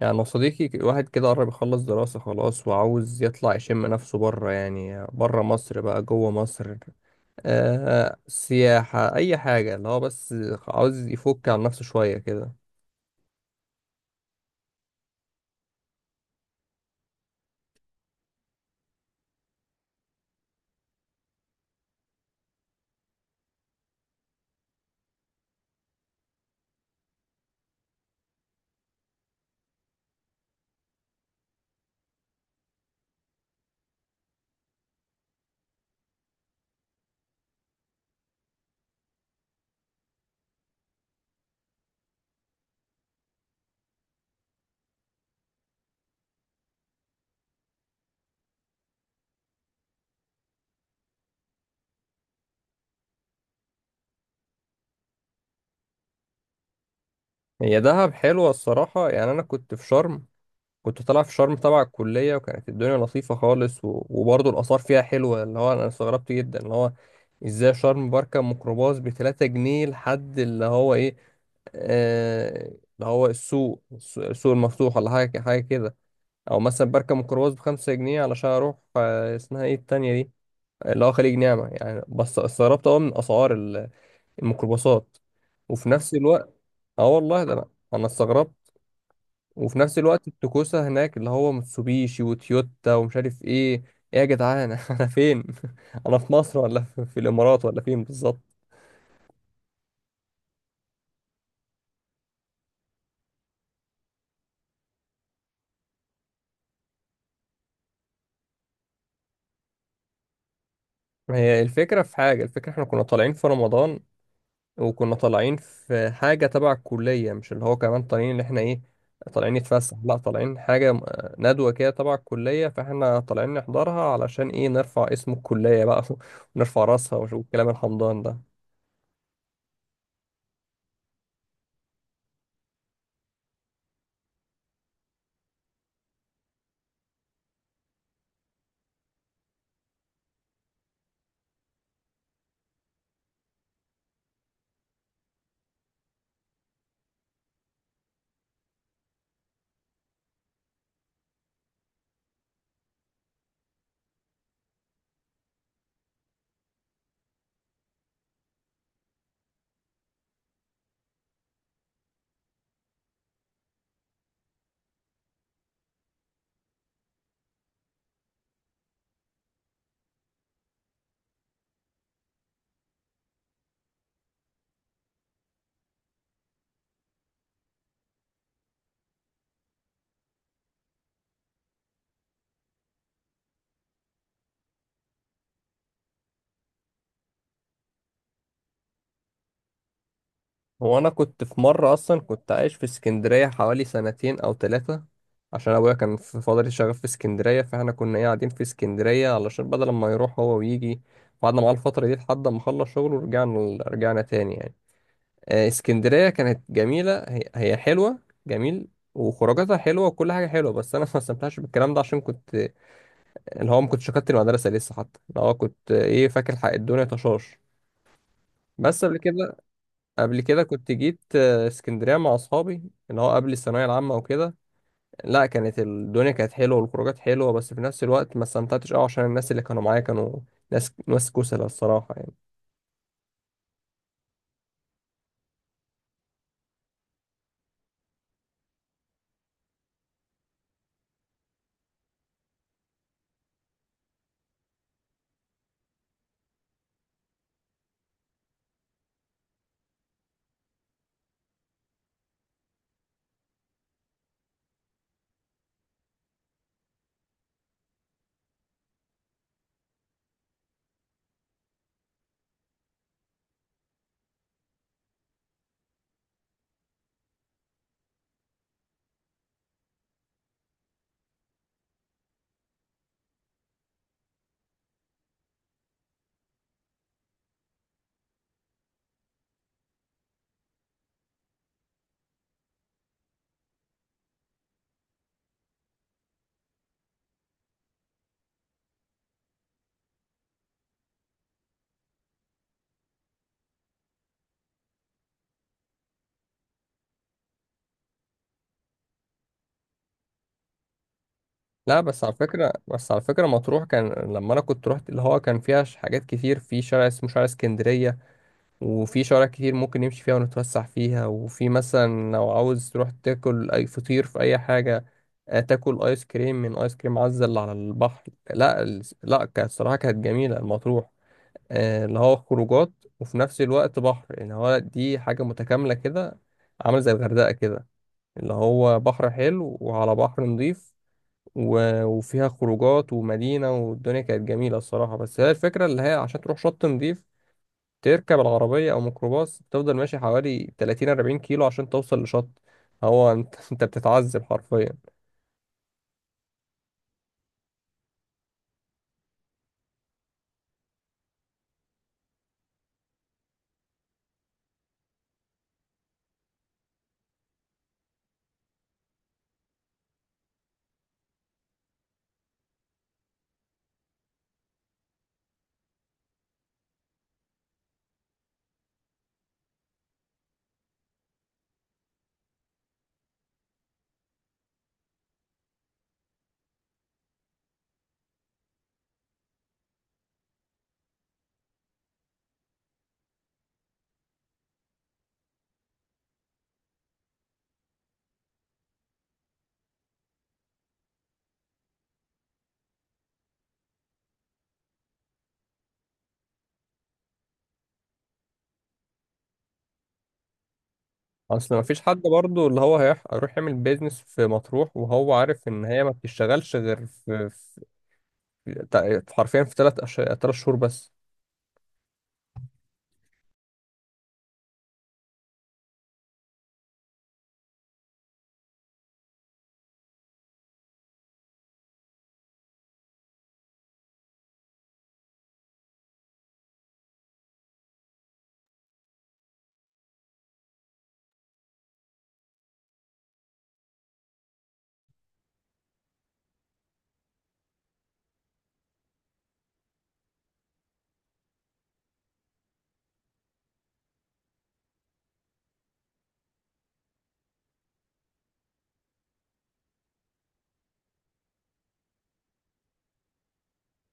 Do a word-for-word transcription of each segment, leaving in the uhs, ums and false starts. يعني أنا صديقي ك- واحد كده قرب يخلص دراسة خلاص، وعاوز يطلع يشم نفسه بره، يعني بره مصر بقى جوه مصر. آه، سياحة أي حاجة، اللي هو بس عاوز يفك عن نفسه شوية كده. هي دهب حلوة الصراحة. يعني أنا كنت في شرم، كنت طالع في شرم تبع الكلية، وكانت الدنيا لطيفة خالص و... وبرضه الآثار فيها حلوة. اللي هو أنا استغربت جدا، اللي هو إزاي شرم بركب ميكروباص بتلاتة جنيه لحد اللي هو إيه. آه، اللي هو السوق السوق السوق المفتوح ولا حاجة حاجة كده. أو مثلا بركب ميكروباص بخمسة جنيه علشان أروح، آه، اسمها إيه التانية دي، اللي هو خليج نعمة، يعني بس استغربت أوي من أسعار ال- الميكروباصات. وفي نفس الوقت، اه والله ده أنا أنا استغربت. وفي نفس الوقت التكوسة هناك، اللي هو متسوبيشي وتويوتا ومش عارف إيه. إيه يا جدعان، أنا فين؟ أنا في مصر ولا في في الإمارات ولا فين بالظبط؟ هي الفكرة في حاجة، الفكرة احنا كنا طالعين في رمضان، وكنا طالعين في حاجة تبع الكلية، مش اللي هو كمان طالعين اللي احنا ايه، طالعين نتفسح. لا، طالعين حاجة م- ندوة كده تبع الكلية، فاحنا طالعين نحضرها علشان ايه، نرفع اسم الكلية بقى. ونرفع راسها وش- والكلام الحمضان ده. هو انا كنت في مرة اصلا كنت عايش في اسكندرية حوالي سنتين او ثلاثة، عشان ابويا كان في فترة شغال في اسكندرية، فاحنا كنا ايه قاعدين في اسكندرية علشان بدل ما يروح هو ويجي، قعدنا معاه الفترة دي لحد ما خلص شغله، ورجعنا رجعنا تاني يعني. آه، اسكندرية كانت جميلة، هي هي حلوة، جميل. وخروجاتها حلوة وكل حاجة حلوة، بس أنا ما استمتعتش بالكلام ده عشان كنت اللي هو ما كنتش شكلت المدرسة لسه، حتى اللي هو كنت، آه، إيه، فاكر حق الدنيا طشاش. بس قبل كده، قبل كده كنت جيت، آه، اسكندرية مع أصحابي، اللي هو قبل الثانوية العامة وكده. لا، كانت الدنيا كانت حلوة والخروجات حلوة، بس في نفس الوقت ما استمتعتش أوي عشان الناس اللي كانوا معايا كانوا ناس ناس كسلة الصراحة يعني. لا بس على فكرة، بس على فكرة مطروح كان لما أنا كنت روحت، اللي هو كان فيها ش- حاجات كتير في شارع اسمه شارع اسكندرية، وفي شوارع كتير ممكن نمشي فيها ونتوسع فيها، وفي مثلا لو عاوز تروح تاكل أي فطير في أي حاجة، آه، تاكل آيس كريم من آيس كريم عزة اللي على البحر. لا ال- لا كانت الصراحة كانت جميلة المطروح. آه، اللي هو خروجات، وفي نفس الوقت بحر، اللي هو دي حاجة متكاملة كده، عامل زي الغردقة كده، اللي هو بحر حلو وعلى بحر نضيف، و- وفيها خروجات ومدينة، والدنيا كانت جميلة الصراحة. بس هي الفكرة اللي هي عشان تروح شط نضيف، تركب العربية أو ميكروباص تفضل ماشي حوالي ثلاثين أربعين كيلو عشان توصل لشط. هو أنت أنت بتتعذب حرفيا. أصل مفيش حد برضه اللي هو هيح- هيروح يعمل بيزنس في مطروح وهو عارف إن هي ما بتشتغلش غير في, في في- حرفيا في تلات أش... تلات شهور بس.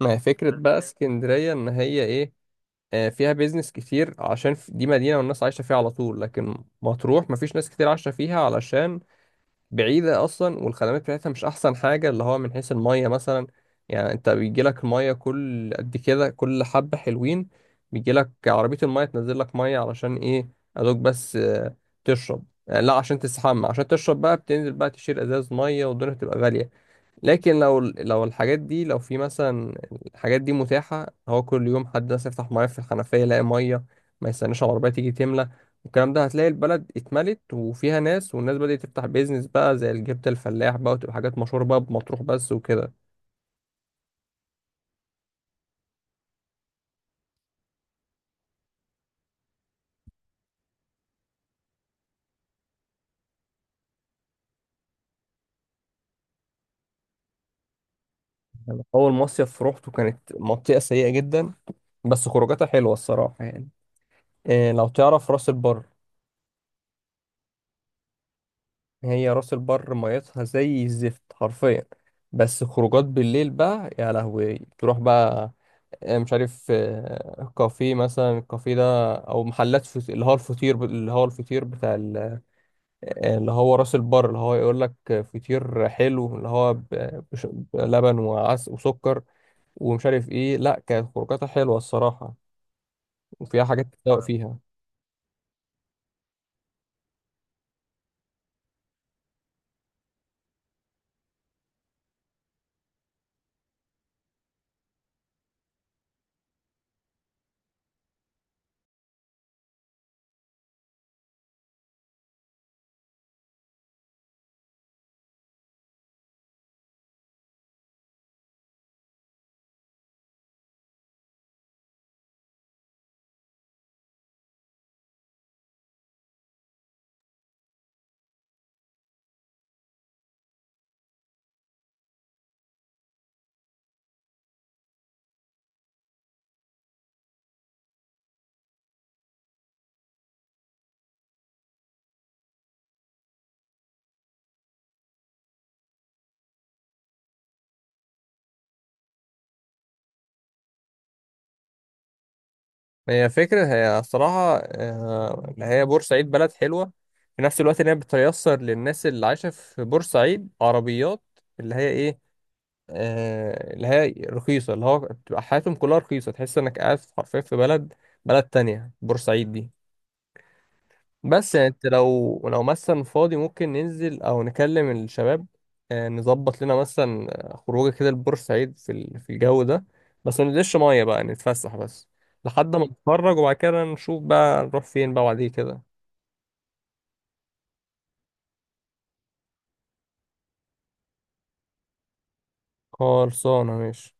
ما هي فكرة بقى اسكندرية إن هي إيه، آه، فيها بيزنس كتير عشان ف- دي مدينة والناس عايشة فيها على طول. لكن مطروح مفيش ناس كتير عايشة فيها علشان بعيدة أصلا، والخدمات بتاعتها مش أحسن حاجة، اللي هو من حيث المية مثلا. يعني أنت بيجيلك المية كل قد كده كل حبة حلوين، بيجيلك عربية المية تنزل لك مية علشان إيه، أدوك بس، آه، تشرب. آه، لا، عشان تستحمى، عشان تشرب بقى بتنزل بقى تشيل ازاز ميه، والدنيا بتبقى غاليه. لكن لو، لو الحاجات دي، لو في مثلا الحاجات دي متاحة، هو كل يوم حد مثلا يفتح ميه في الحنفية يلاقي ميه، ما يستناش العربية تيجي تملى، والكلام ده هتلاقي البلد اتملت وفيها ناس، والناس بدأت تفتح بيزنس بقى زي الجبت الفلاح بقى، وتبقى حاجات مشهورة بقى بمطروح بس وكده. يعني أول مصيف روحته كانت منطقة سيئة جدا، بس خروجاتها حلوة الصراحة يعني. إيه، لو تعرف راس البر، هي راس البر ميتها زي الزفت حرفيا، بس خروجات بالليل بقى يا لهوي تروح بقى، آه، مش عارف، آه، كافيه مثلا، الكافيه ده او محلات فت... اللي هو الفطير، ب- اللي هو الفطير بتاع ال... آه، اللي هو راس البر، اللي هو يقول لك فطير حلو، اللي هو ب... بش... بلبن وعس وسكر ومش عارف ايه. لا كانت خروجاتها حلوة الصراحة، وفيها حاجات تتذوق فيها. هي فكرة، هي الصراحة آه، اللي هي بورسعيد بلد حلوة، في نفس الوقت ان هي بتيسر للناس اللي عايشة في بورسعيد عربيات اللي هي ايه، آه، اللي هي رخيصة، اللي هو بتبقى حياتهم كلها رخيصة، تحس انك قاعد في- حرفيا في بلد، بلد تانية بورسعيد دي. بس يعني انت لو، لو مثلا فاضي، ممكن ننزل او نكلم الشباب، آه، نظبط لنا مثلا، آه، خروجه كده لبورسعيد في ال- في الجو ده، بس ما ننزلش مية بقى، نتفسح بس لحد ما نتفرج، وبعد كده نشوف بقى نروح فين بقى بعديه كده. خلصانة ماشي.